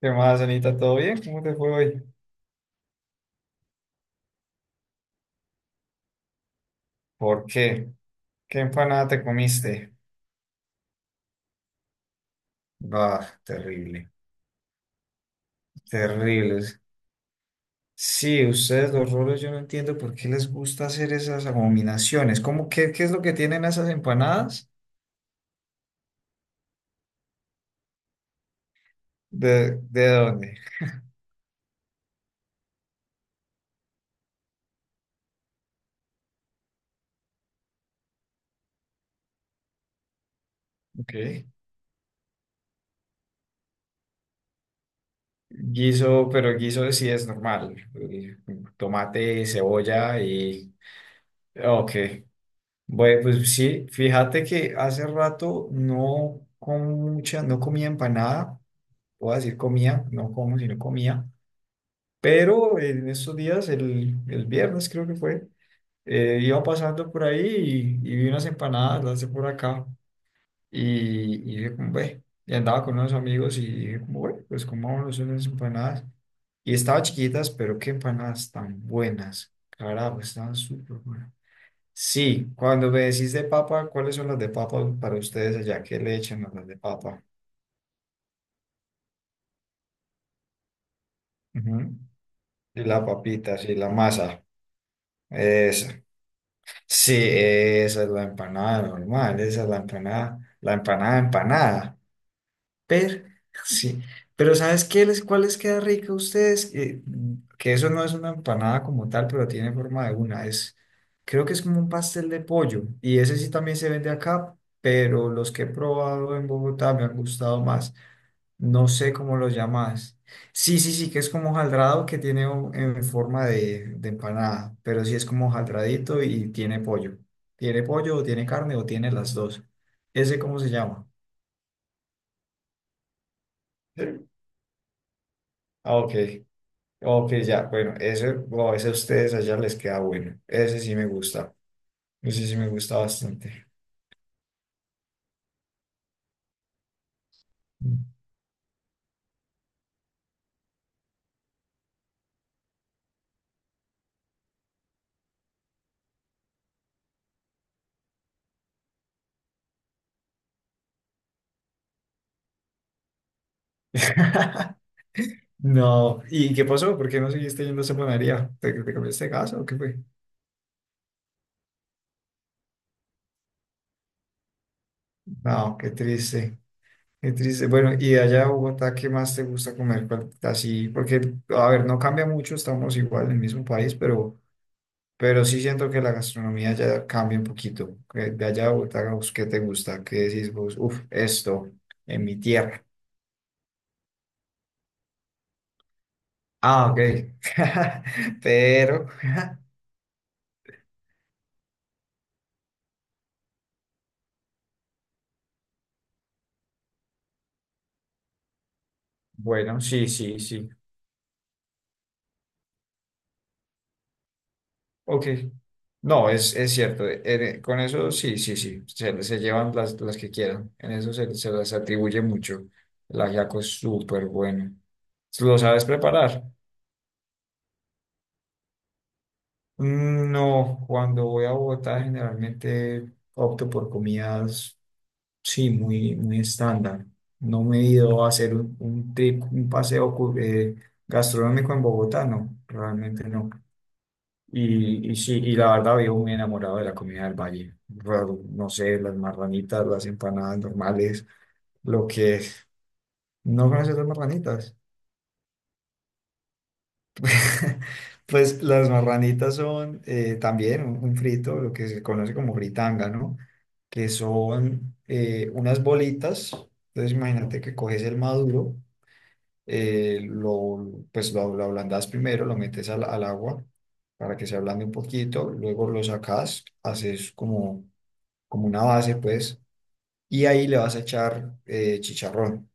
¿Qué más, Anita? ¿Todo bien? ¿Cómo te fue hoy? ¿Por qué? ¿Qué empanada te comiste? Bah, terrible, terrible. Sí, ustedes los rolos, yo no entiendo por qué les gusta hacer esas abominaciones. ¿Cómo qué es lo que tienen esas empanadas? ¿De dónde? Ok. Guiso, pero guiso sí es normal. Tomate, cebolla y... Ok. Bueno, pues sí, fíjate que hace rato no, con mucha, no comía empanada. Voy a decir comía, no como, sino comía. Pero en estos días, el viernes creo que fue, iba pasando por ahí y vi unas empanadas, las de por acá, y dije como, ve, y andaba con unos amigos y dije como, bueno, pues comámonos unas empanadas. Y estaban chiquitas, pero qué empanadas tan buenas. Carajo, estaban súper buenas. Sí, cuando me decís de papa, ¿cuáles son las de papa para ustedes allá? ¿Qué le echan a las de papa? Ujú. Y la papita, sí, la masa. Esa. Sí, esa es la empanada normal, esa es la empanada empanada. Pero, sí, pero ¿sabes qué les, cuál les queda rica a ustedes? Que eso no es una empanada como tal, pero tiene forma de una. Es, creo que es como un pastel de pollo. Y ese sí también se vende acá, pero los que he probado en Bogotá me han gustado más. No sé cómo lo llamas. Sí, sí, sí, que es como hojaldrado que tiene un- en forma de empanada, pero sí es como hojaldradito y tiene pollo. Tiene pollo o tiene carne o tiene las dos. ¿Ese cómo se llama? Ah, ok, ok, ya, bueno, ese, wow, ese a ustedes allá les queda bueno. Ese sí me gusta. Ese sí me gusta bastante. No, ¿y qué pasó? ¿Por qué no seguiste yendo a esa panadería? ¿Te, te cambiaste de casa o qué fue? No, qué triste. Qué triste. Bueno, y de allá a Bogotá, ¿qué más te gusta comer? ¿Cuál- así, porque, a ver, no cambia mucho, estamos igual en el mismo país, pero sí siento que la gastronomía ya cambia un poquito. Que de allá a Bogotá, ¿vos qué te gusta? ¿Qué decís vos? Uf, esto, en mi tierra. Ah, ok. Pero, bueno, sí, sí, sí. Ok. No, es cierto. Con eso, sí, sí, sí. Se llevan las que quieran. En eso se, se las atribuye mucho. El ajiaco es súper bueno. ¿Lo sabes preparar? Mm, no, cuando voy a Bogotá generalmente opto por comidas, sí, muy, muy estándar. No me he ido a hacer un trip, un paseo cu- gastronómico en Bogotá, no, realmente no. Y sí, y la verdad vivo muy enamorado de la comida del valle. Raro, no sé, las marranitas, las empanadas normales, lo que... ¿No conoces las marranitas? Pues las marranitas son también un frito, lo que se conoce como fritanga, ¿no? Que son unas bolitas. Entonces imagínate que coges el maduro, lo, pues lo ablandas primero, lo metes al agua para que se ablande un poquito, luego lo sacas, haces como, como una base, pues, y ahí le vas a echar chicharrón.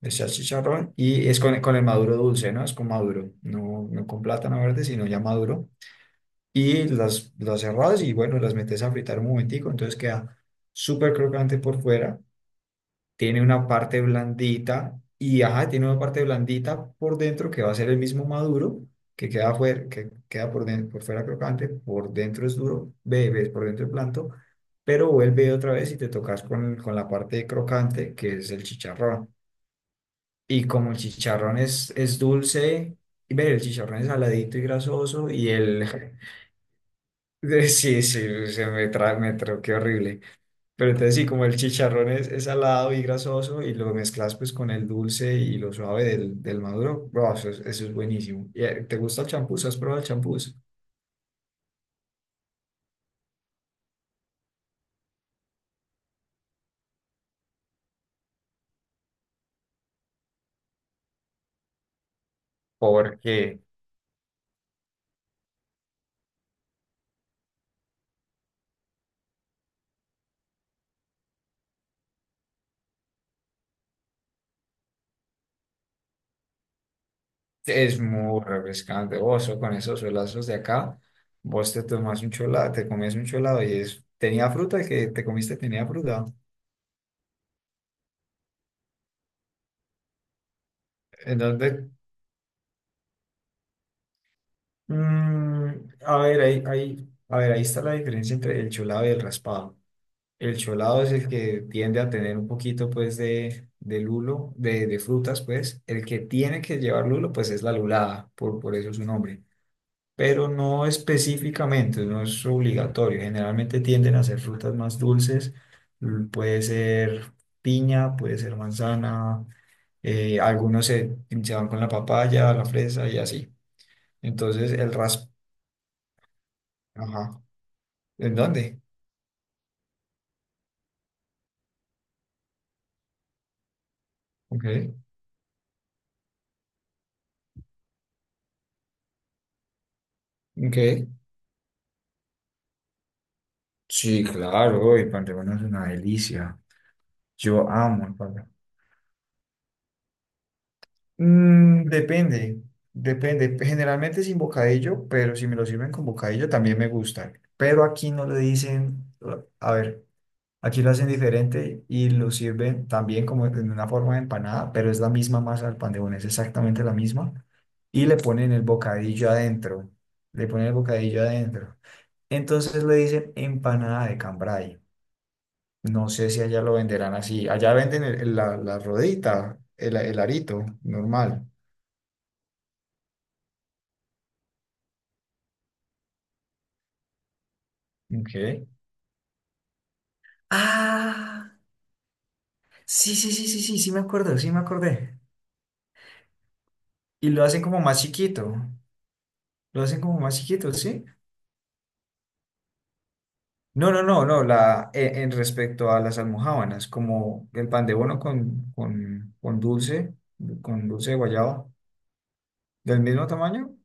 Le echas chicharrón y es con el maduro dulce, ¿no? Es con maduro, no, no con plátano verde, sino ya maduro y las cerrás y bueno, las metes a fritar un momentico, entonces queda súper crocante por fuera, tiene una parte blandita y ajá, tiene una parte blandita por dentro que va a ser el mismo maduro, que queda, fuera, que queda por, den- por fuera crocante, por dentro es duro, bebes por dentro es blando, pero vuelve otra vez y te tocas con la parte crocante que es el chicharrón. Y como el chicharrón es dulce, y ve, el chicharrón es saladito y grasoso y el, De- sí, sí, se me, tra me troqué horrible. Pero entonces sí, como el chicharrón es salado y grasoso y lo mezclas pues con el dulce y lo suave del maduro, bro, eso es buenísimo. ¿Y, ¿te gusta el champús? ¿Has probado el champús? Porque es muy refrescante. Vos con esos solazos de acá, vos te tomas un cholado, te comes un cholado y es, tenía fruta, el que te comiste tenía fruta. Entonces, mm, a ver, ahí, ahí, a ver, ahí está la diferencia entre el cholado y el raspado. El cholado es el que tiende a tener un poquito, pues, de lulo, de frutas, pues. El que tiene que llevar lulo, pues, es la lulada, por eso su nombre. Pero no específicamente, no es obligatorio. Generalmente tienden a ser frutas más dulces. L- puede ser piña, puede ser manzana. Algunos se van con la papaya, la fresa y así. Entonces, el ras... Ajá. ¿En dónde? Ok. Ok. Sí, claro, el Panteón es una delicia. Yo amo el pabellón. Mm, depende, depende. Generalmente sin bocadillo, pero si me lo sirven con bocadillo también me gusta. Pero aquí no le dicen, a ver, aquí lo hacen diferente y lo sirven también como en una forma de empanada, pero es la misma masa del pan de bono, es exactamente la misma. Y le ponen el bocadillo adentro, le ponen el bocadillo adentro. Entonces le dicen empanada de cambray. No sé si allá lo venderán así. Allá venden el- la rodita, el arito normal. Ok. Ah, sí, sí, sí, sí, sí, sí me acuerdo, sí me acordé. Y lo hacen como más chiquito. Lo hacen como más chiquito, ¿sí? No, no, no, no. La, en respecto a las almojábanas, como el pan de bono con dulce de guayaba, del mismo tamaño.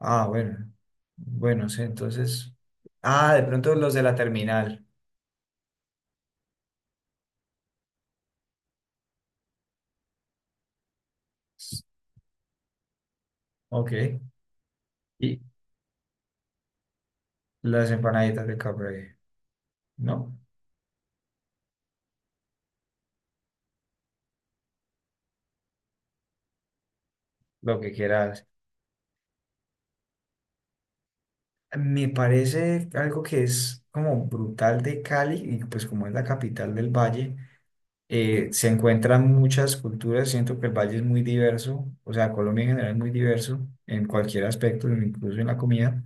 Ah, bueno. Bueno, sí, entonces. Ah, de pronto los de la terminal. Ok. Y las empanaditas de Cabre, ¿no? Lo que quieras. Me parece algo que es como brutal de Cali, y pues como es la capital del Valle, se encuentran muchas culturas. Siento que el Valle es muy diverso, o sea, Colombia en general es muy diverso en cualquier aspecto, incluso en la comida.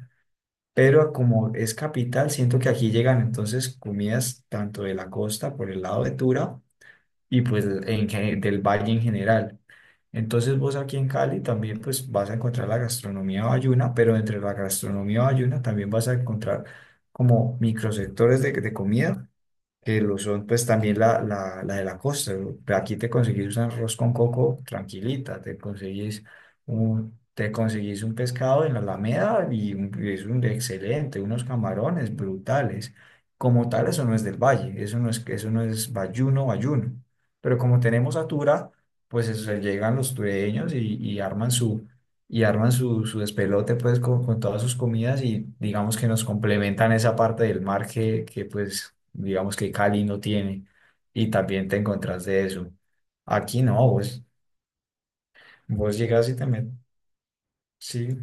Pero como es capital, siento que aquí llegan entonces comidas tanto de la costa por el lado de Tura y pues en, gen- del Valle en general. Entonces vos aquí en Cali también pues vas a encontrar la gastronomía bayuna, pero entre la gastronomía bayuna también vas a encontrar como microsectores de comida que lo son pues también la de la costa. Aquí te conseguís un arroz con coco tranquilita, te conseguís un pescado en la Alameda y un- y es un excelente, unos camarones brutales. Como tal, eso no es del valle, eso no es bayuno, bayuno. Pero como tenemos atura, pues eso, llegan los tureños y arman su y arman su, su despelote pues con todas sus comidas y digamos que nos complementan esa parte del mar que pues digamos que Cali no tiene y también te encontrás de eso. Aquí no, vos, vos llegas y te metes, sí,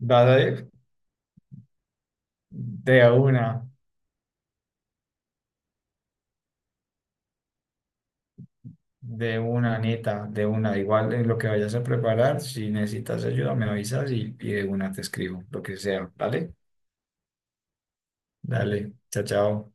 vas de una, de una neta, de una, igual en lo que vayas a preparar, si necesitas ayuda me avisas y de una te escribo, lo que sea, ¿vale? Dale, chao, chao.